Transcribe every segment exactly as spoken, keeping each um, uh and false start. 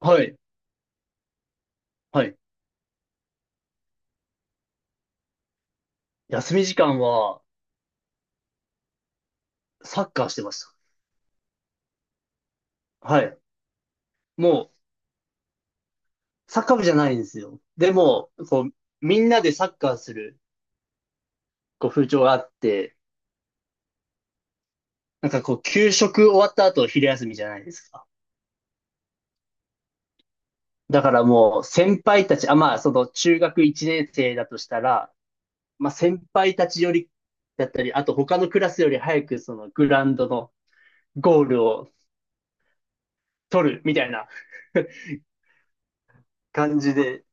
はい。はい。休み時間は、サッカーしてました。はい。もう、サッカー部じゃないんですよ。でも、こう、みんなでサッカーする、こう、風潮があって、なんかこう、給食終わった後、昼休みじゃないですか。だからもう、先輩たち、あ、まあ、その、中学いちねん生だとしたら、まあ、先輩たちより、だったり、あと他のクラスより早く、その、グラウンドのゴールを取る、みたいな 感じで、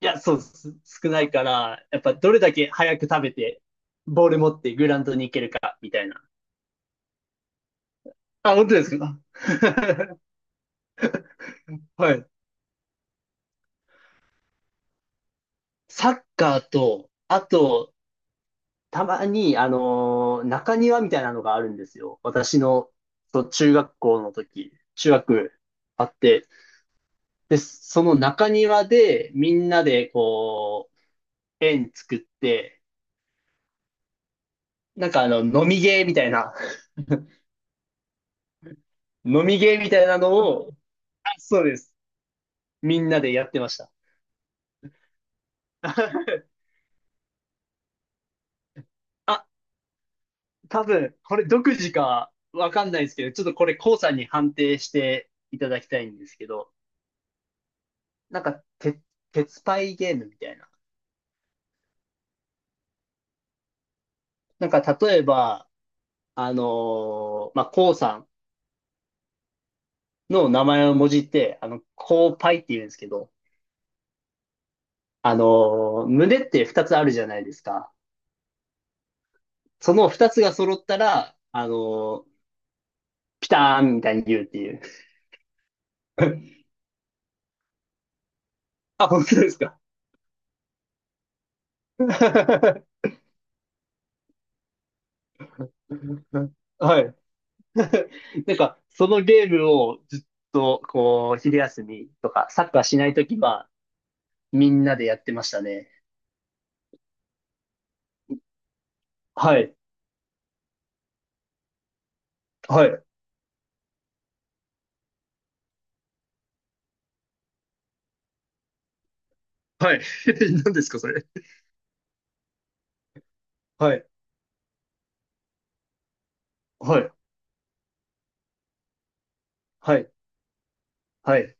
いや、そう、す少ないから、やっぱどれだけ早く食べて、ボール持ってグラウンドに行けるか、みたいな。あ、本当ですか？ はい。サッカーと、あと、たまに、あのー中庭みたいなのがあるんですよ。私の、そう中学校の時、中学あって、で、その中庭で、みんなで、こう、円作って、なんかあの、飲みゲーみたいな、飲みゲーみたいなのを、あ、そうです。みんなでやってました。あ、多分、これ独自かわかんないですけど、ちょっとこれ、コウさんに判定していただきたいんですけど、なんか、鉄、鉄パイゲームみたいな。なんか、例えば、あのーまあ、コウさんの名前をもじって、あの、コウパイって言うんですけど、あのー胸ってふたつあるじゃないですか。そのふたつが揃ったら、あのーピターンみたいに言うっていう。あ、本当ですか。はい。なんか、そのゲームをずっと、こう、昼休みとか、サッカーしないときは、みんなでやってましたね。はい。はい。はい。何ですか、それ。はい。はい。はい。はい。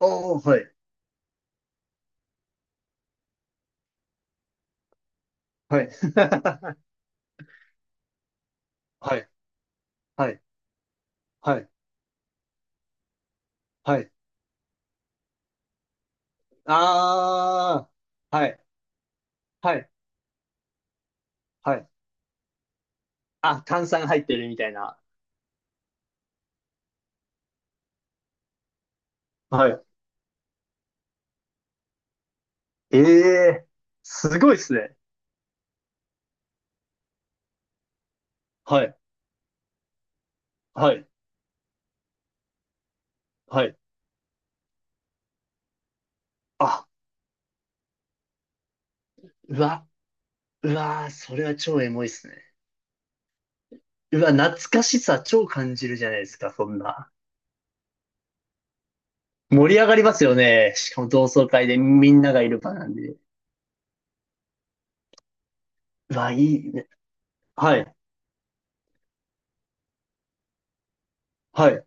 おー、はい。はい。はい。はい。はい。はい。あー。はい。はい。はい。あ、炭酸入ってるみたいな。はい。ええー、すごいっすね。はい。はい。はい。あ、うわ、うわー、それは超エモいっすね。うわ、懐かしさ超感じるじゃないですか、そんな。盛り上がりますよね。しかも同窓会でみんながいる場なんで。うわ、いいね。はい、はい。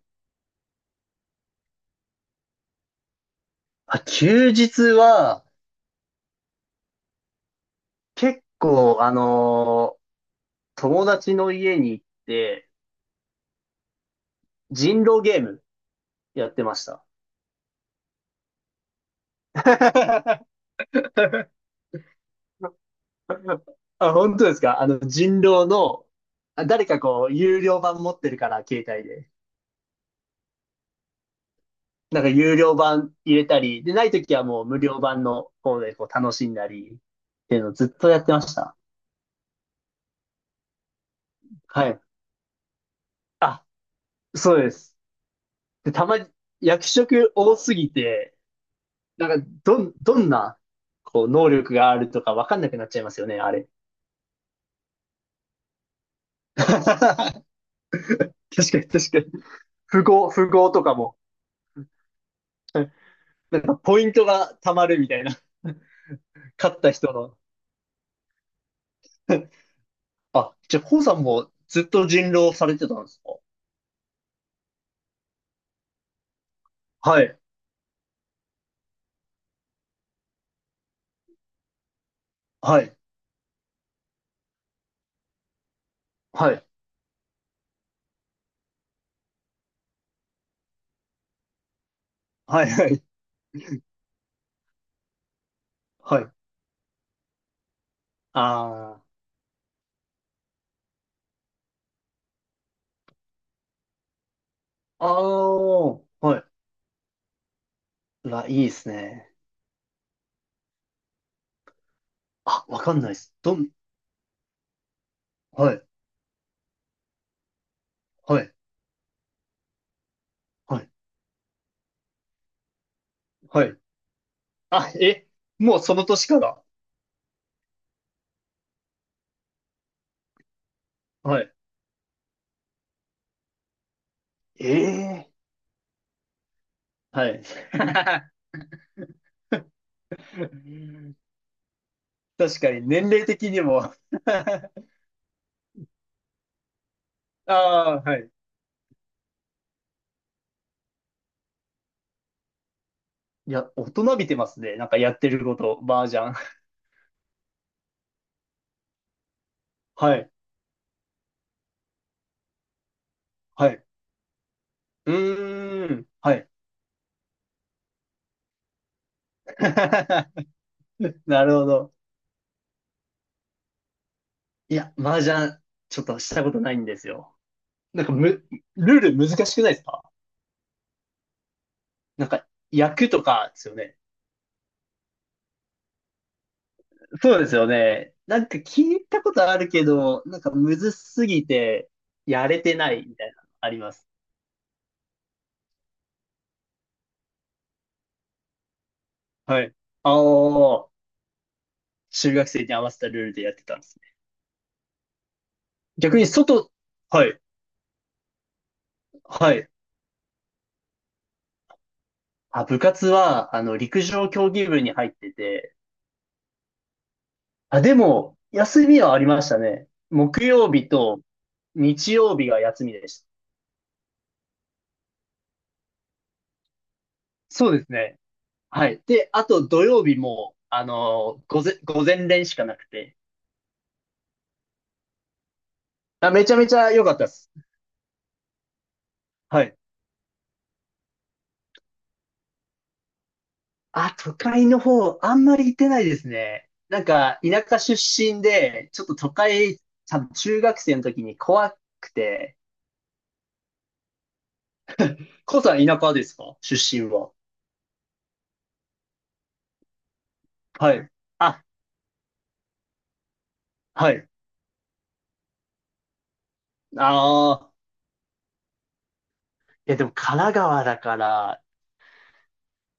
あ、休日は、結構、あのー友達の家に行って、人狼ゲームやってました。あ、本当ですか？あの、人狼の、あ誰かこう、有料版持ってるから、携帯で。なんか有料版入れたり、で、ないときはもう無料版の方でこう楽しんだり、っていうのをずっとやってました。はい。あ、そうです。で、たまに役職多すぎて、なんかどん、どんな、こう、能力があるとかわかんなくなっちゃいますよね、あれ。確かに確かに。富豪、富豪とかも、ポイントが貯まるみたいな。勝った人の。あ、じゃあ、コウさんもずっと人狼されてたんですか？はい、はい、はい、はい、はい。はい。ああ、ああ、はい。ら、いいですね。あ、わかんないです。どん、はい、はい、はい、はい。あ、え、もうその年から。はい。ええ、はい。確かに、年齢的にも ああ、はい。いや、大人びてますね。なんかやってること、麻雀。はい、はい。うーん、はい。なるほど。いや、麻雀、ちょっとしたことないんですよ。なんかむ、ルール難しくないですか？なんか、役とかですよね。そうですよね。なんか聞いたことあるけど、なんかむずすぎて、やれてないみたいなのあります。はい。ああ、中学生に合わせたルールでやってたんですね。逆に外、はい、はい。あ、部活は、あの、陸上競技部に入ってて、あ、でも、休みはありましたね。木曜日と日曜日が休みでした。そうですね。はい。で、あと土曜日も、あのー午前、午前練しかなくて。あ、めちゃめちゃ良かったです。はい。あ、都会の方、あんまり行ってないですね。なんか、田舎出身で、ちょっと都会、多分中学生の時に怖くて。コウさん田舎ですか？出身は。はい。あ、はい。ああ。いや、でも神奈川だから、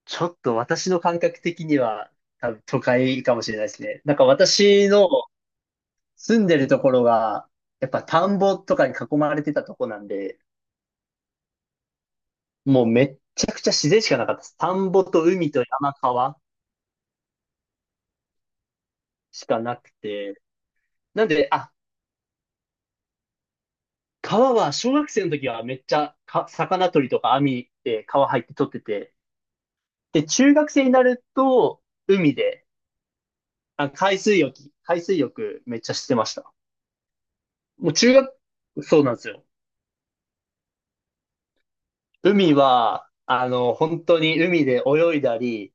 ちょっと私の感覚的には、多分都会かもしれないですね。なんか私の住んでるところが、やっぱ田んぼとかに囲まれてたとこなんで、もうめっちゃくちゃ自然しかなかったです。田んぼと海と山川しかなくて。なんで、あ、川は小学生の時はめっちゃか魚取りとか網で川入って取ってて。で、中学生になると海で、あ、海水浴、海水浴めっちゃしてました。もう中学、そうなんですよ。海は、あの、本当に海で泳いだり、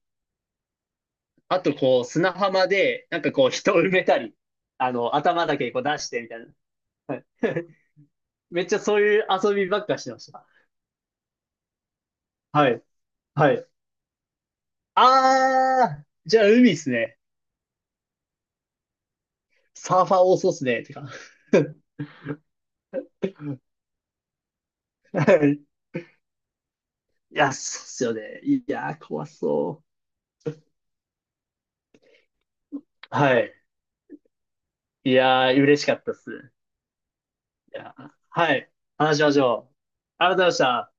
あと、こう、砂浜で、なんかこう、人を埋めたり、あの、頭だけこう出してみたいな。はい めっちゃそういう遊びばっかしてました。はい。はい。あー、じゃあ海っすね。サーファー多そうっすね。てか。はい。いや、そうっすよね。いやー、怖そう。はい。いやー、嬉しかったっす。いやー、はい。話しましょう。ありがとうございました。